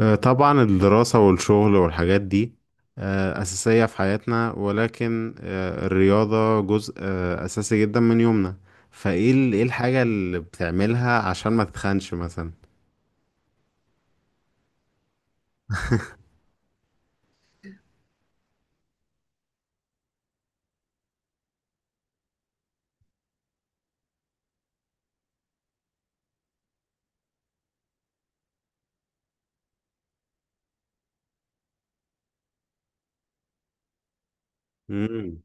طبعا الدراسة والشغل والحاجات دي أساسية في حياتنا، ولكن الرياضة جزء أساسي جدا من يومنا. فإيه إيه الحاجة اللي بتعملها عشان ما تتخنش مثلا؟ مم.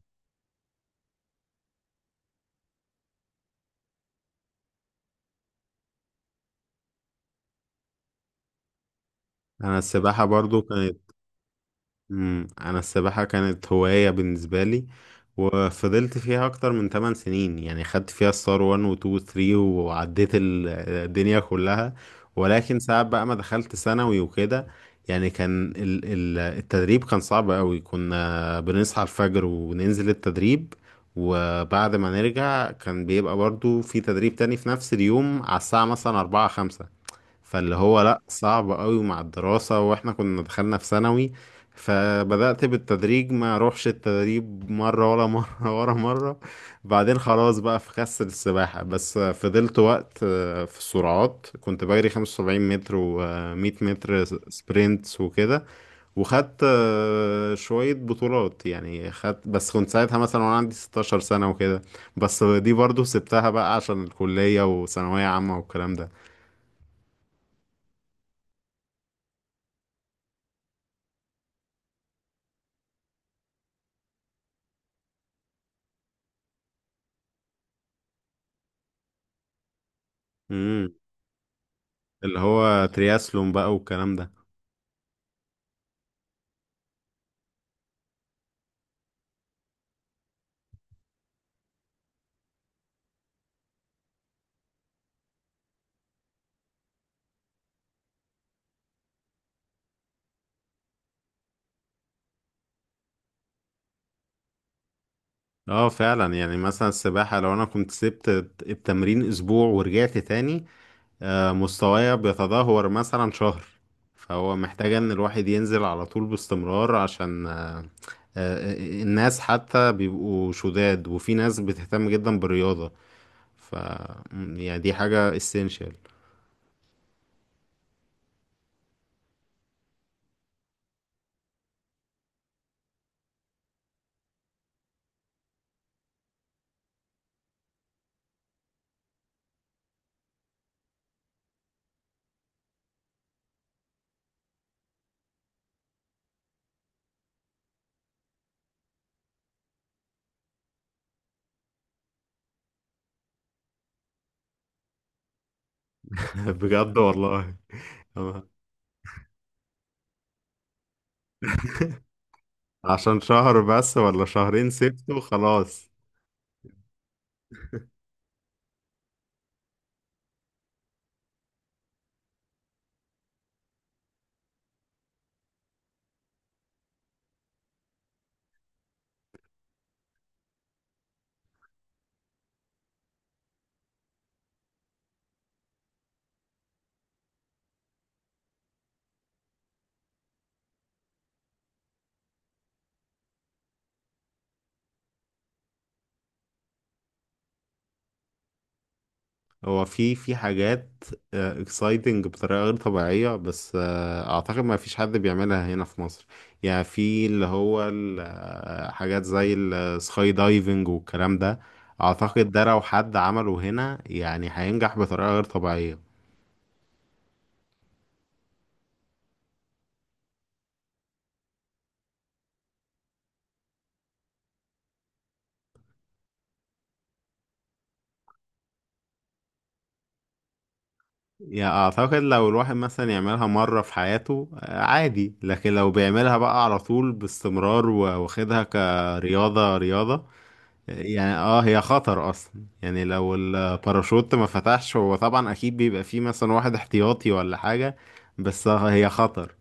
أنا السباحة برضو كانت انا السباحة كانت هواية بالنسبة لي، وفضلت فيها اكتر من 8 سنين، يعني خدت فيها الصار 1 و 2 و 3 وعديت الدنيا كلها. ولكن ساعات بقى ما دخلت ثانوي وكده، يعني كان التدريب كان صعب قوي، كنا بنصحى الفجر وننزل التدريب. وبعد ما نرجع كان بيبقى برضو في تدريب تاني في نفس اليوم على الساعة مثلا 4 5. فاللي هو لأ، صعب قوي مع الدراسة واحنا كنا دخلنا في ثانوي. فبدأت بالتدريج ما اروحش التدريب مرة ولا مرة ورا مرة. بعدين خلاص بقى في خس السباحة، بس فضلت وقت. في السرعات كنت بجري 75 متر و100 متر سبرينتس وكده. وخدت شوية بطولات، يعني خدت، بس كنت ساعتها مثلا وانا عندي 16 سنة وكده. بس دي برضو سبتها بقى عشان الكلية وثانوية عامة والكلام ده، اللي هو ترياسلون بقى والكلام ده. اه فعلا، يعني مثلا السباحة لو انا كنت سبت التمرين اسبوع ورجعت تاني، مستوايا بيتدهور مثلا شهر. فهو محتاج ان الواحد ينزل على طول باستمرار عشان آه، الناس حتى بيبقوا شداد، وفي ناس بتهتم جدا بالرياضة. ف يعني دي حاجة essential. بجد والله. عشان شهر بس ولا شهرين سبته خلاص؟ هو في حاجات اكسايتنج بطريقة غير طبيعية، بس اعتقد ما فيش حد بيعملها هنا في مصر. يعني في اللي هو حاجات زي السكاي دايفنج والكلام ده. اعتقد ده لو حد عمله هنا يعني هينجح بطريقة غير طبيعية. يعني اعتقد لو الواحد مثلا يعملها مرة في حياته عادي، لكن لو بيعملها بقى على طول باستمرار واخدها كرياضة رياضة. يعني اه، هي خطر اصلا، يعني لو الباراشوت ما فتحش هو طبعا اكيد بيبقى فيه مثلا واحد احتياطي ولا حاجة. بس هي خطر.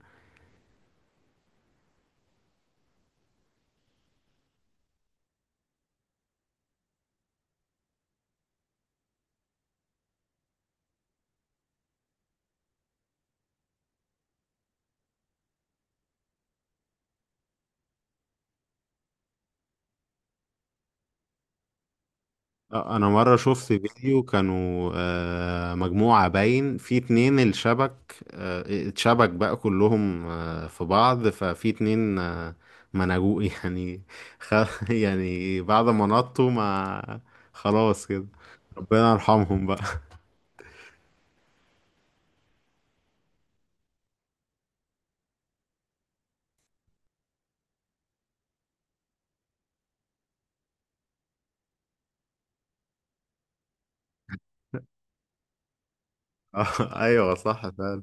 انا مرة شفت فيديو، كانوا مجموعة باين في اتنين الشبك، اتشبك بقى كلهم في بعض، ففي اتنين ما نجوا يعني. خ... يعني بعد ما نطوا، ما خلاص كده. ربنا يرحمهم بقى. ايوه صح فعلا.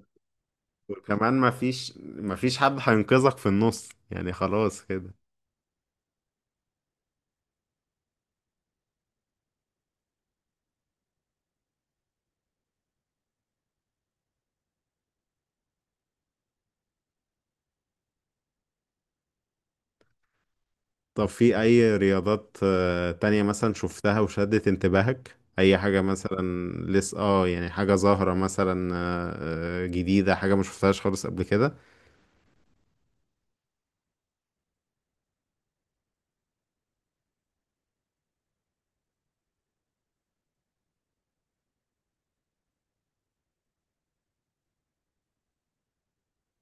وكمان مفيش حد هينقذك في النص، يعني خلاص كده. طب في أي رياضات تانية مثلا شفتها وشدت انتباهك؟ أي حاجة مثلا لسه اه، يعني حاجة ظاهرة مثلا جديدة، حاجة ما شفتهاش خالص قبل كده؟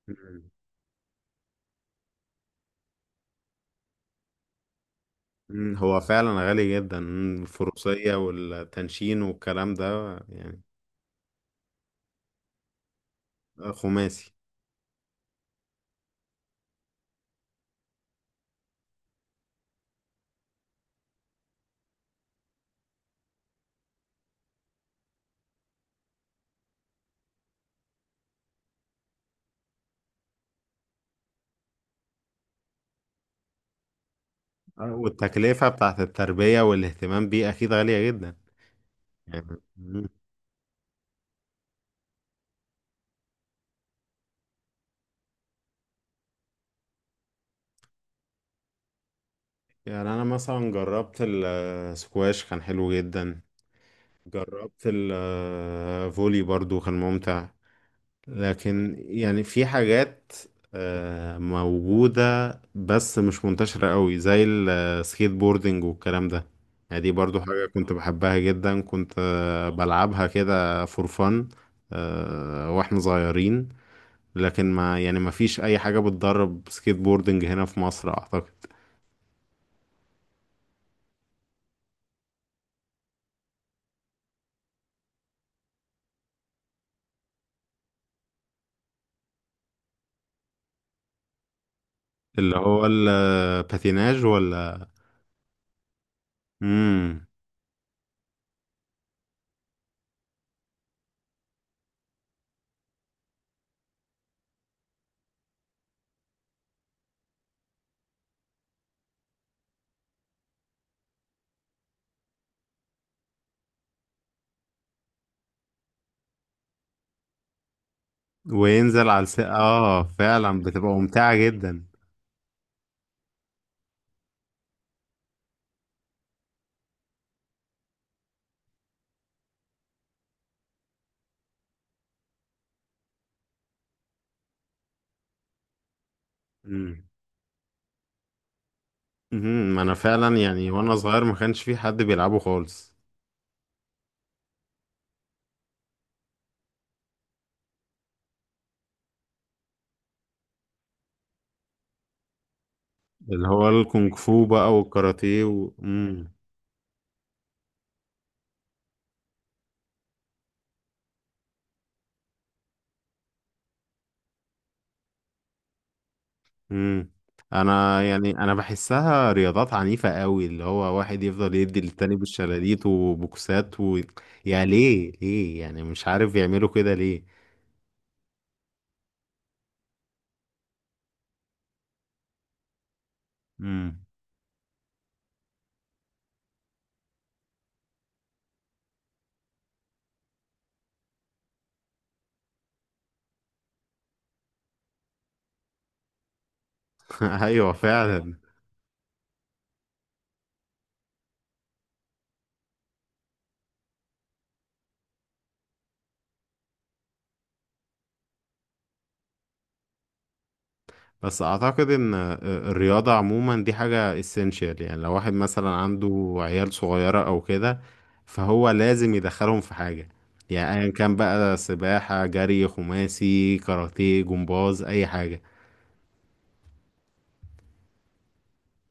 مم. مم، هو فعلا غالي جدا. مم، الفروسية والتنشين والكلام ده يعني. خماسي. والتكلفة بتاعت التربية والاهتمام بيه أكيد غالية جدا يعني. يعني انا مثلا جربت السكواش كان حلو جدا. جربت الفولي برضو كان ممتع. لكن يعني في حاجات موجودة، بس مش منتشرة قوي زي السكيت بوردنج والكلام ده. يعني دي برضو حاجة كنت بحبها جدا، كنت بلعبها كده فور فن واحنا صغيرين. لكن ما فيش اي حاجة بتدرب سكيت بوردنج هنا في مصر اعتقد. اللي هو الباتيناج. امم. اه فعلا بتبقى ممتعة جدا. امم. انا فعلا يعني وانا صغير ما كانش في حد بيلعبه خالص. اللي هو الكونغ فو بقى والكاراتيه و... امم. امم انا بحسها رياضات عنيفة قوي، اللي هو واحد يفضل يدي للتاني بالشلاليت وبوكسات و... يا، ليه ليه، يعني مش عارف يعملوا كده ليه. امم. ايوه فعلا. بس اعتقد ان الرياضة عموما دي حاجة essential، يعني لو واحد مثلا عنده عيال صغيرة او كده فهو لازم يدخلهم في حاجة، يعني ايا كان بقى، سباحة، جري، خماسي، كاراتيه، جمباز، اي حاجة.